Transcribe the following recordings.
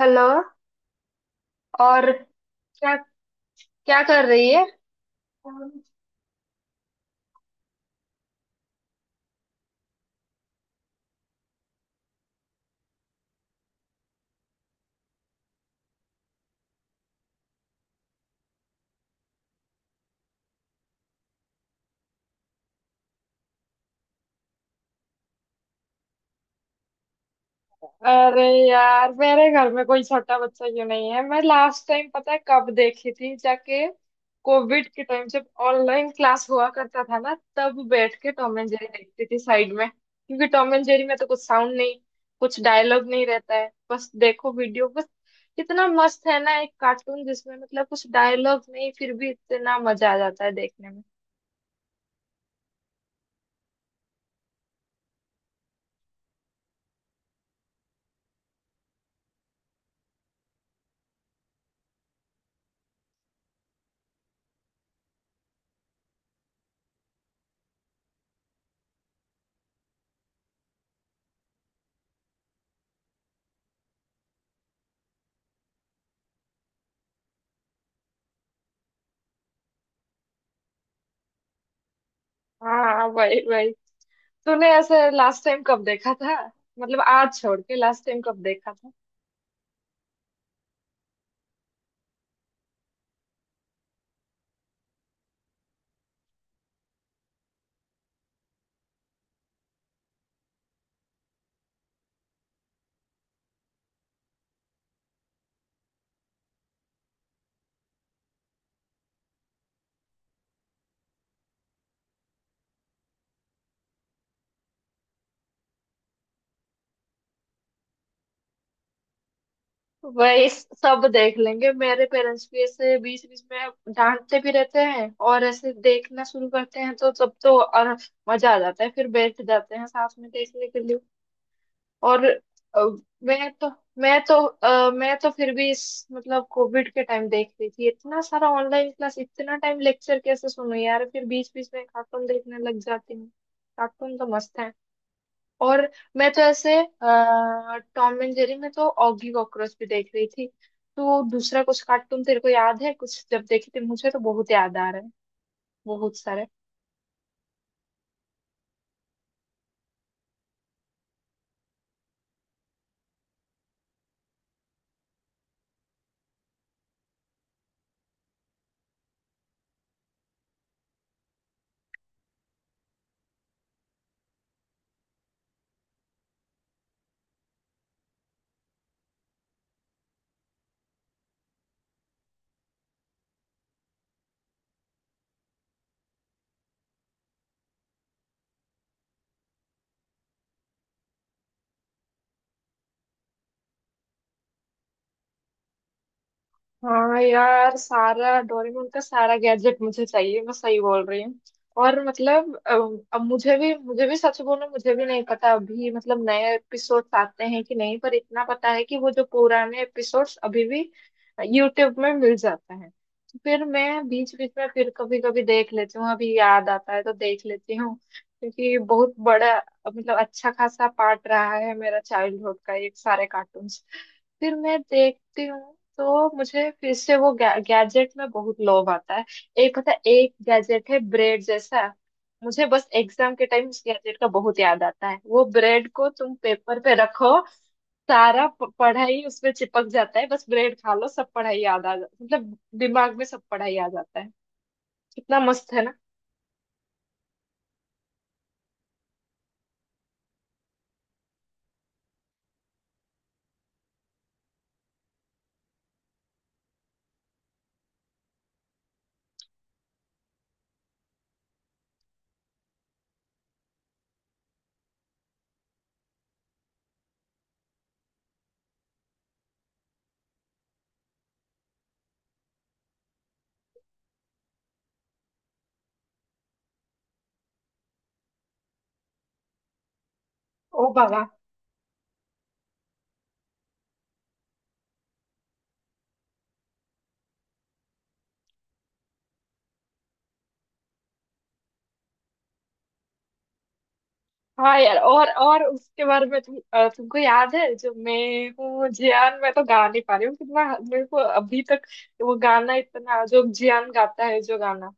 Hello. और क्या क्या कर रही है? अरे यार, मेरे घर में कोई छोटा बच्चा क्यों नहीं है। मैं लास्ट टाइम पता है कब देखी थी जाके? कोविड के टाइम जब ऑनलाइन क्लास हुआ करता था ना, तब बैठ के टॉम एंड जेरी देखती थी साइड में, क्योंकि टॉम एंड जेरी में तो कुछ साउंड नहीं, कुछ डायलॉग नहीं रहता है, बस देखो वीडियो बस। इतना मस्त है ना एक कार्टून जिसमें मतलब कुछ डायलॉग नहीं, फिर भी इतना मजा आ जाता है देखने में। हाँ, वही वही। तूने ऐसे लास्ट टाइम कब देखा था? मतलब आज छोड़ के लास्ट टाइम कब देखा था? वही सब देख लेंगे। मेरे पेरेंट्स भी ऐसे बीच बीच में डांटते भी रहते हैं, और ऐसे देखना शुरू करते हैं, तो तब तो और मजा आ जाता है, फिर बैठ जाते हैं साथ में देखने के लिए। और अ, मैं तो मैं तो फिर भी इस मतलब कोविड के टाइम देख रही थी। इतना सारा ऑनलाइन क्लास, इतना टाइम लेक्चर कैसे सुनो यार, फिर बीच बीच में कार्टून देखने लग जाती हूँ। कार्टून तो मस्त है। और मैं तो ऐसे टॉम एंड जेरी में तो ऑगी कॉकरोच भी देख रही थी। तो दूसरा कुछ कार्टून तेरे को याद है कुछ जब देखी थी? मुझे तो बहुत याद आ रहा है, बहुत सारे। हाँ यार, सारा डोरेमोन का सारा गैजेट मुझे चाहिए, मैं सही बोल रही हूँ। और मतलब अब मुझे भी सच बोलूं, मुझे भी नहीं पता अभी मतलब नए एपिसोड्स आते हैं कि नहीं, पर इतना पता है कि वो जो पुराने एपिसोड्स अभी भी यूट्यूब में मिल जाता है। तो फिर मैं बीच बीच में फिर कभी कभी देख लेती हूँ, अभी याद आता है तो देख लेती हूँ। क्योंकि बहुत बड़ा मतलब अच्छा खासा पार्ट रहा है मेरा चाइल्डहुड का ये सारे कार्टून्स। फिर मैं देखती हूँ तो मुझे फिर से वो गैजेट में बहुत लोभ आता है। एक पता है, एक गैजेट है ब्रेड जैसा, मुझे बस एग्जाम के टाइम उस गैजेट का बहुत याद आता है। वो ब्रेड को तुम पेपर पे रखो, सारा पढ़ाई उसमें चिपक जाता है, बस ब्रेड खा लो, सब पढ़ाई याद आ जाता, मतलब दिमाग में सब पढ़ाई आ जाता है। कितना मस्त है ना। ओ भगवान। हाँ यार, और उसके बारे में तुम तुमको याद है जो मैं हूँ जियान, मैं तो गा नहीं पा रही हूँ कितना। मेरे को अभी तक वो गाना, इतना जो जियान गाता है, जो गाना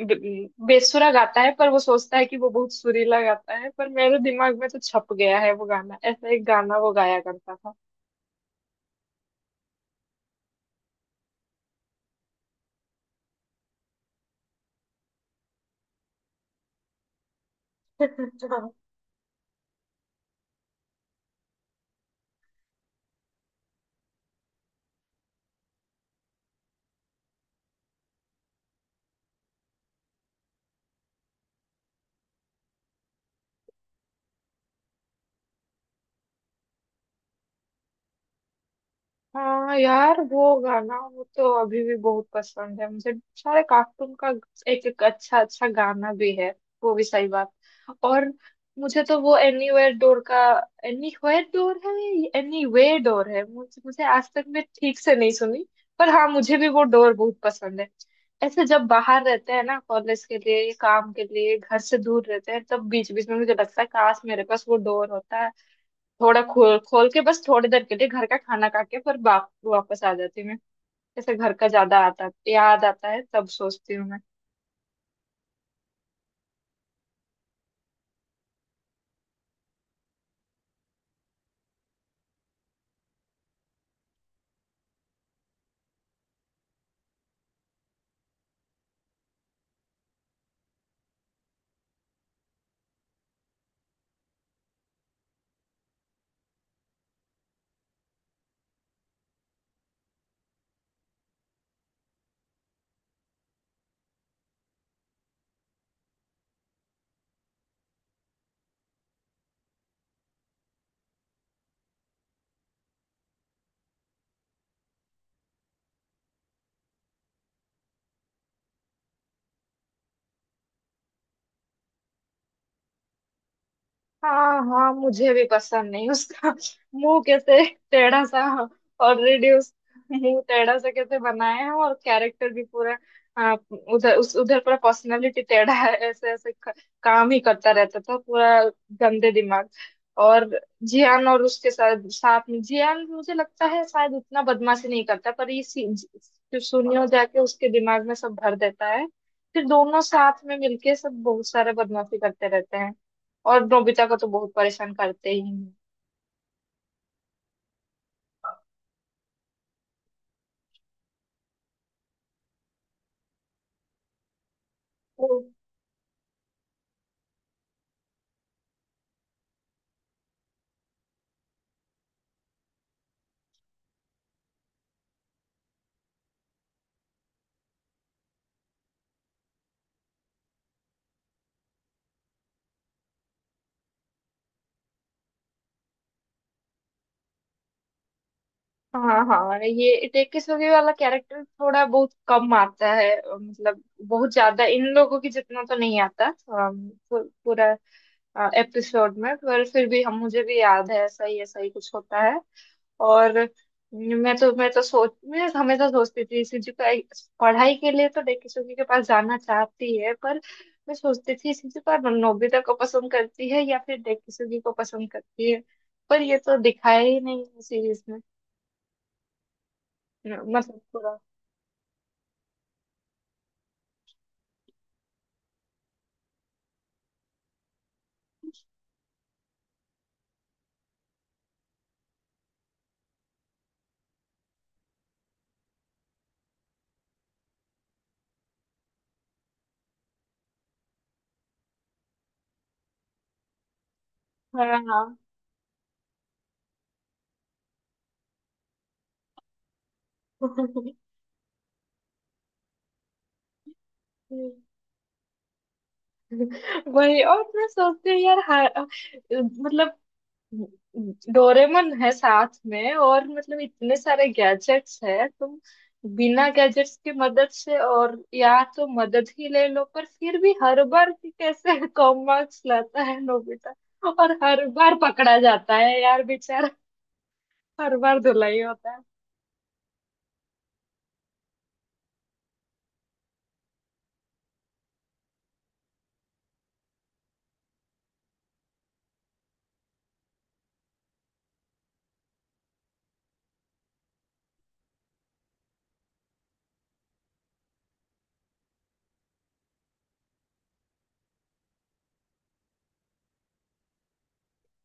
बेसुरा गाता है, पर वो सोचता है कि वो बहुत सुरीला गाता है, पर मेरे दिमाग में तो छप गया है वो गाना। ऐसा एक गाना वो गाया करता था। हाँ यार, वो गाना वो तो अभी भी बहुत पसंद है मुझे। सारे कार्टून का एक एक अच्छा अच्छा गाना भी है। वो भी सही बात। और मुझे तो वो एनीवेयर डोर का, एनीवेयर डोर है, एनीवे डोर है, मुझे मुझे आज तक मैं ठीक से नहीं सुनी। पर हाँ, मुझे भी वो डोर बहुत पसंद है। ऐसे जब बाहर रहते हैं ना, कॉलेज के लिए, काम के लिए, घर से दूर रहते हैं, तब बीच बीच में मुझे लगता है काश मेरे पास वो डोर होता, थोड़ा खोल खोल के बस थोड़ी देर के लिए घर का खाना खा के फिर वापस आ जाती हूँ मैं। जैसे घर का ज्यादा आता याद आता है, तब सोचती हूँ मैं। हाँ हाँ, मुझे भी पसंद नहीं उसका। मुंह कैसे टेढ़ा सा, ऑलरेडी उस मुंह टेढ़ा सा कैसे बनाया है, और कैरेक्टर भी पूरा आ, उधर उस उधर पूरा पर्सनालिटी टेढ़ा है, ऐसे ऐसे काम ही करता रहता था, पूरा गंदे दिमाग। और जियान, और उसके साथ साथ में जियान मुझे लगता है शायद उतना बदमाशी नहीं करता, पर ये जो सुनियो जाके उसके दिमाग में सब भर देता है, फिर दोनों साथ में मिलके सब बहुत सारे बदमाशी करते रहते हैं, और नोबिता को तो बहुत परेशान करते ही हैं। तो हाँ हाँ, ये टेकिसुगी वाला कैरेक्टर थोड़ा बहुत कम आता है, मतलब बहुत ज्यादा इन लोगों की जितना तो नहीं आता पूरा एपिसोड में, पर फिर भी हम मुझे भी याद है ऐसा ही कुछ होता है। और मैं तो सोच, मैं हमेशा सोचती थी सीजू का पढ़ाई के लिए तो डेकिसुगी के पास जाना चाहती है, पर मैं सोचती थी सीजू का नोबिता को पसंद करती है या फिर डेकिसुगी को पसंद करती है? पर ये तो दिखाया ही नहीं है सीरीज में, मतलब पूरा। हाँ हाँ। वही। और मैं सोचती हूँ यार, हाँ, मतलब डोरेमन है साथ में, और मतलब इतने सारे गैजेट्स है, तुम बिना गैजेट्स की मदद से, और या तो मदद ही ले लो, पर फिर भी हर बार कि कैसे कम मार्क्स लाता है नोबिता, और हर बार पकड़ा जाता है यार बेचारा, हर बार धुलाई होता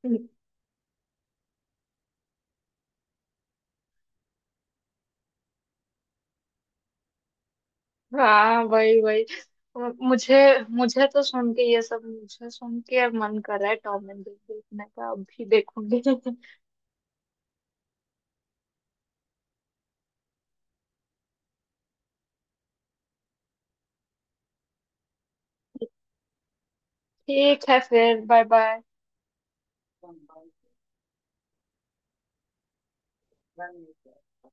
है। हाँ, वही वही। मुझे मुझे तो सुन के ये सब, मुझे सुन के मन कर रहा है टॉम एंड जेरी देखने का, अभी देखूंगी। ठीक है फिर। बाय। बाय कर दो कर दो।